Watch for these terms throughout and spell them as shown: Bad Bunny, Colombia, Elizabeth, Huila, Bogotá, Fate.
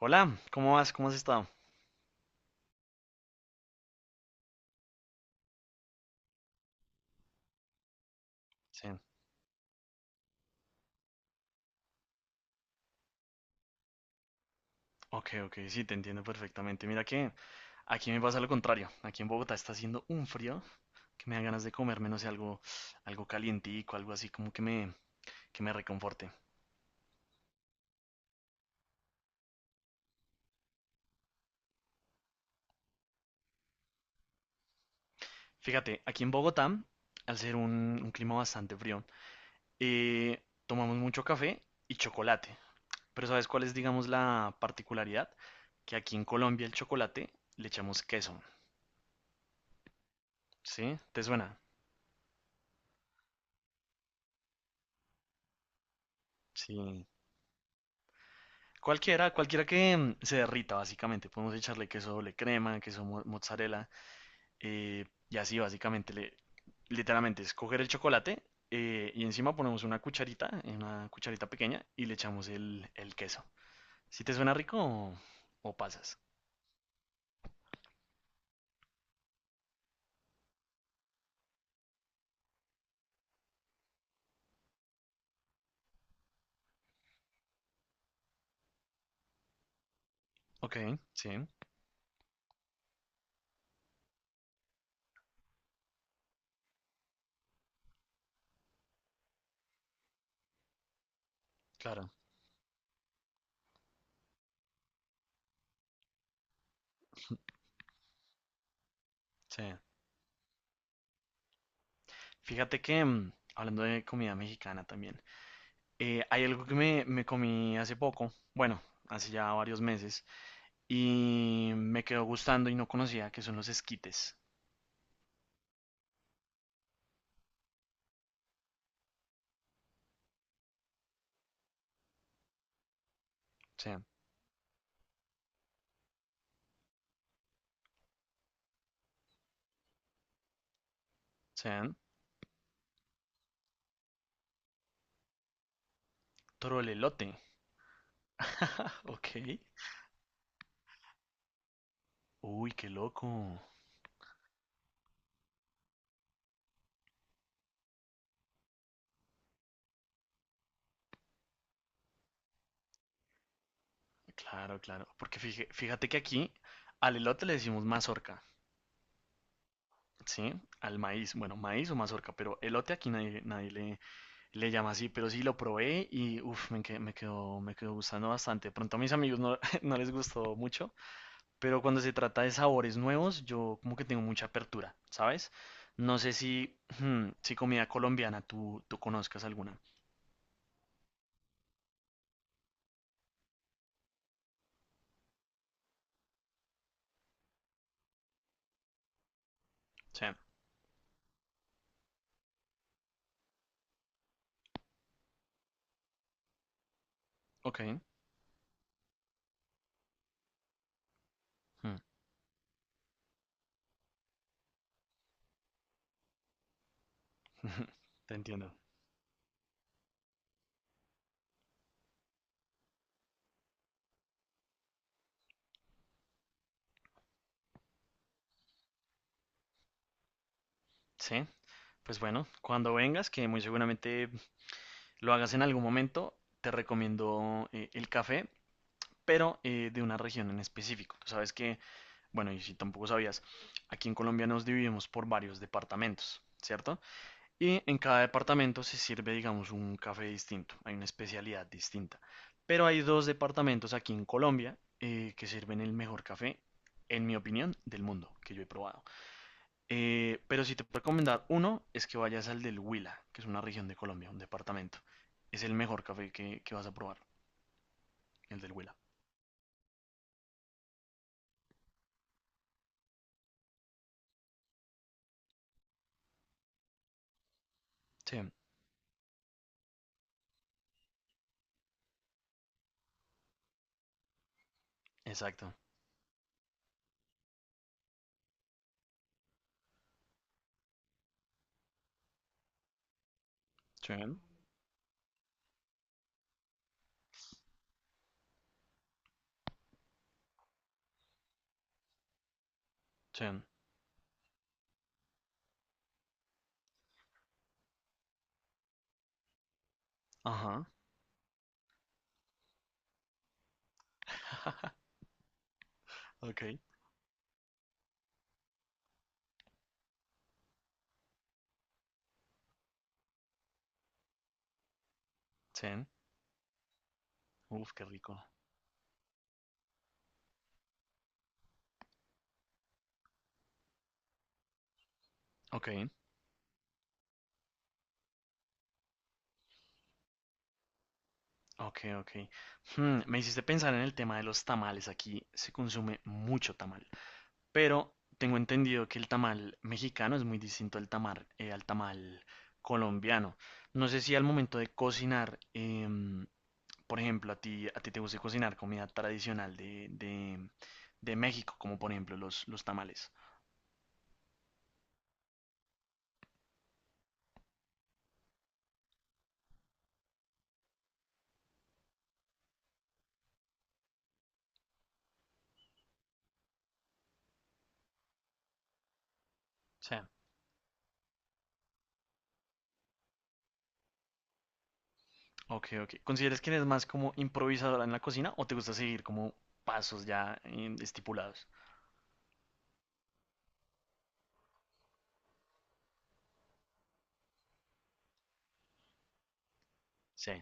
Hola, ¿cómo vas? ¿Cómo has estado? Sí, ok, ok, sí, te entiendo perfectamente. Mira que aquí me pasa lo contrario. Aquí en Bogotá está haciendo un frío que me dan ganas de comerme, no sé, algo, algo calientico, algo así como que me reconforte. Fíjate, aquí en Bogotá, al ser un clima bastante frío, tomamos mucho café y chocolate. Pero ¿sabes cuál es, digamos, la particularidad? Que aquí en Colombia el chocolate le echamos queso, ¿sí? ¿Te suena? Sí. Cualquiera, cualquiera que se derrita, básicamente. Podemos echarle queso doble crema, queso mozzarella, y así básicamente, literalmente, es coger el chocolate, y encima ponemos una cucharita pequeña, y le echamos el queso. Si te suena rico, o pasas. Ok, sí, claro, sí. Fíjate que, hablando de comida mexicana también, hay algo que me comí hace poco, bueno, hace ya varios meses, y me quedó gustando y no conocía, que son los esquites. Sean, sean trolelote. Ok. Uy, qué loco. Claro, claro. Porque fíjate que aquí al elote le decimos mazorca, ¿sí? Al maíz, bueno, maíz o mazorca, pero elote aquí nadie, nadie le llama así, pero sí lo probé y uff, me quedó gustando bastante. De pronto a mis amigos no, no les gustó mucho. Pero cuando se trata de sabores nuevos, yo como que tengo mucha apertura, ¿sabes? No sé si comida colombiana tú conozcas alguna. Sí, ok. hmm, Te entiendo. Sí, pues bueno, cuando vengas, que muy seguramente lo hagas en algún momento, te recomiendo, el café, pero, de una región en específico. Tú sabes que, bueno, y si tampoco sabías, aquí en Colombia nos dividimos por varios departamentos, ¿cierto? Y en cada departamento se sirve, digamos, un café distinto, hay una especialidad distinta. Pero hay dos departamentos aquí en Colombia, que sirven el mejor café, en mi opinión, del mundo que yo he probado. Pero si te puedo recomendar uno, es que vayas al del Huila, que es una región de Colombia, un departamento. Es el mejor café que vas a probar, el del Huila. Sí, exacto. Chen, chen, ajá. Ok, chen. Uf, qué rico. Ok, ok, ok. Me hiciste pensar en el tema de los tamales. Aquí se consume mucho tamal. Pero tengo entendido que el tamal mexicano es muy distinto al tamal colombiano. No sé si al momento de cocinar, por ejemplo, a ti te gusta cocinar comida tradicional de México, como por ejemplo los tamales. Sí. Ok, ok. ¿Consideras que eres más como improvisadora en la cocina o te gusta seguir como pasos ya, estipulados? Sí,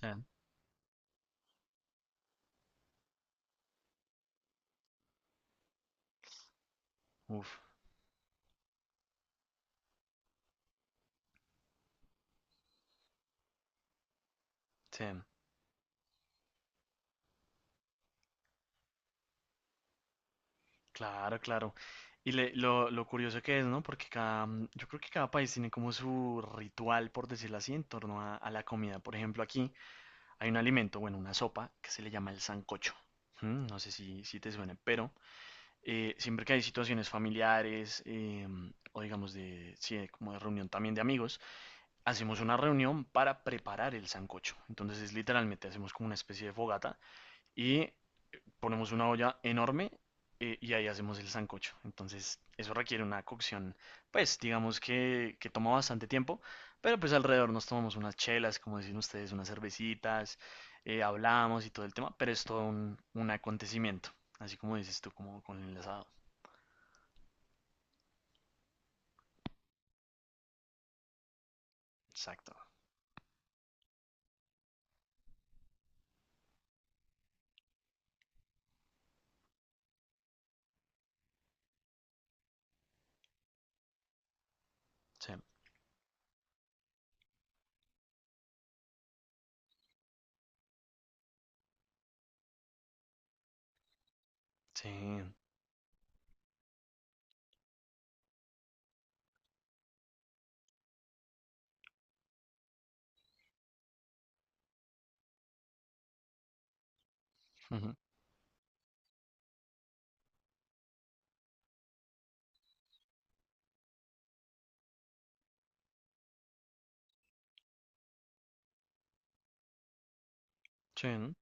sí. Uf. Sí, claro, claro. Y lo curioso que es, ¿no? Porque yo creo que cada país tiene como su ritual, por decirlo así, en torno a la comida. Por ejemplo, aquí hay un alimento, bueno, una sopa que se le llama el sancocho. No sé si te suena, pero, siempre que hay situaciones familiares, o digamos de, sí, de como de reunión también de amigos, hacemos una reunión para preparar el sancocho. Entonces, es literalmente, hacemos como una especie de fogata y ponemos una olla enorme, y ahí hacemos el sancocho. Entonces, eso requiere una cocción, pues digamos que toma bastante tiempo, pero pues alrededor nos tomamos unas chelas, como dicen ustedes, unas cervecitas, hablamos y todo el tema, pero es todo un acontecimiento, así como dices tú, como con el asado. Exacto. Sí, sí. Ujú. Sí, ¿no?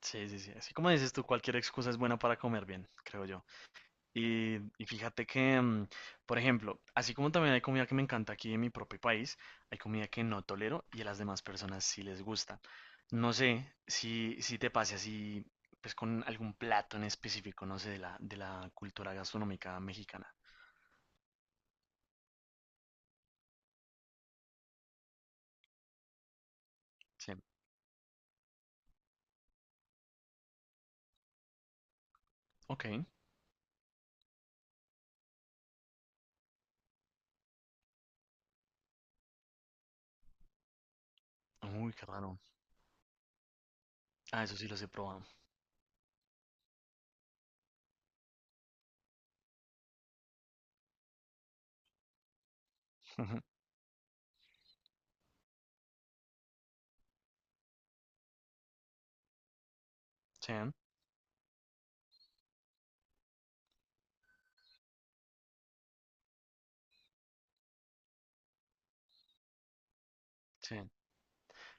Sí, sí, sí. Así como dices tú, cualquier excusa es buena para comer bien, creo yo. Y fíjate que, por ejemplo, así como también hay comida que me encanta aquí en mi propio país, hay comida que no tolero y a las demás personas sí les gusta. No sé si te pase así, pues con algún plato en específico, no sé, de la cultura gastronómica mexicana. Sí. Ok. Uy, qué raro. Ah, eso sí los he probado. Sí, sí.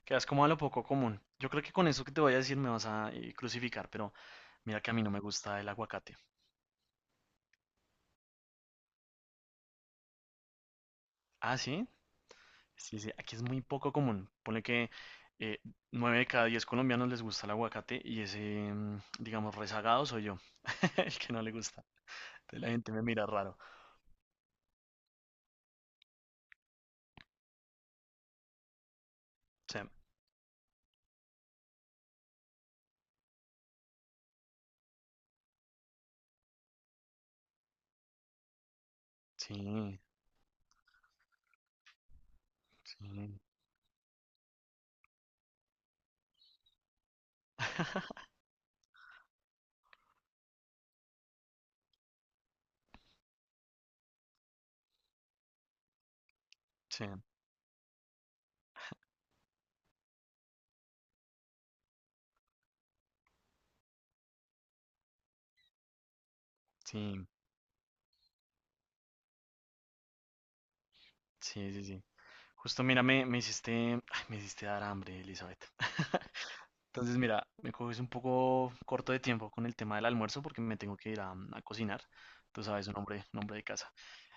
Quedas como a lo poco común. Yo creo que con eso que te voy a decir me vas a, crucificar, pero mira que a mí no me gusta el aguacate. Ah, sí. Sí, sí, aquí es muy poco común. Pone que, eh, 9 de cada 10 colombianos les gusta el aguacate, y ese, digamos, rezagado soy yo, el que no le gusta. Entonces la gente me mira raro. Sí, sí, sí. Sí, sí, sí, sí, sí. Justo mira, me hiciste, ay, me hiciste dar hambre, Elizabeth. Entonces, mira, me coges un poco corto de tiempo con el tema del almuerzo porque me tengo que ir a cocinar. Tú sabes, un hombre de casa.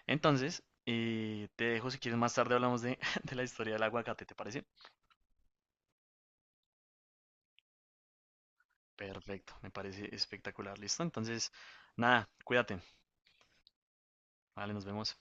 Entonces, te dejo, si quieres más tarde hablamos de, de la historia del aguacate, ¿te parece? Perfecto, me parece espectacular, listo. Entonces, nada, cuídate. Vale, nos vemos.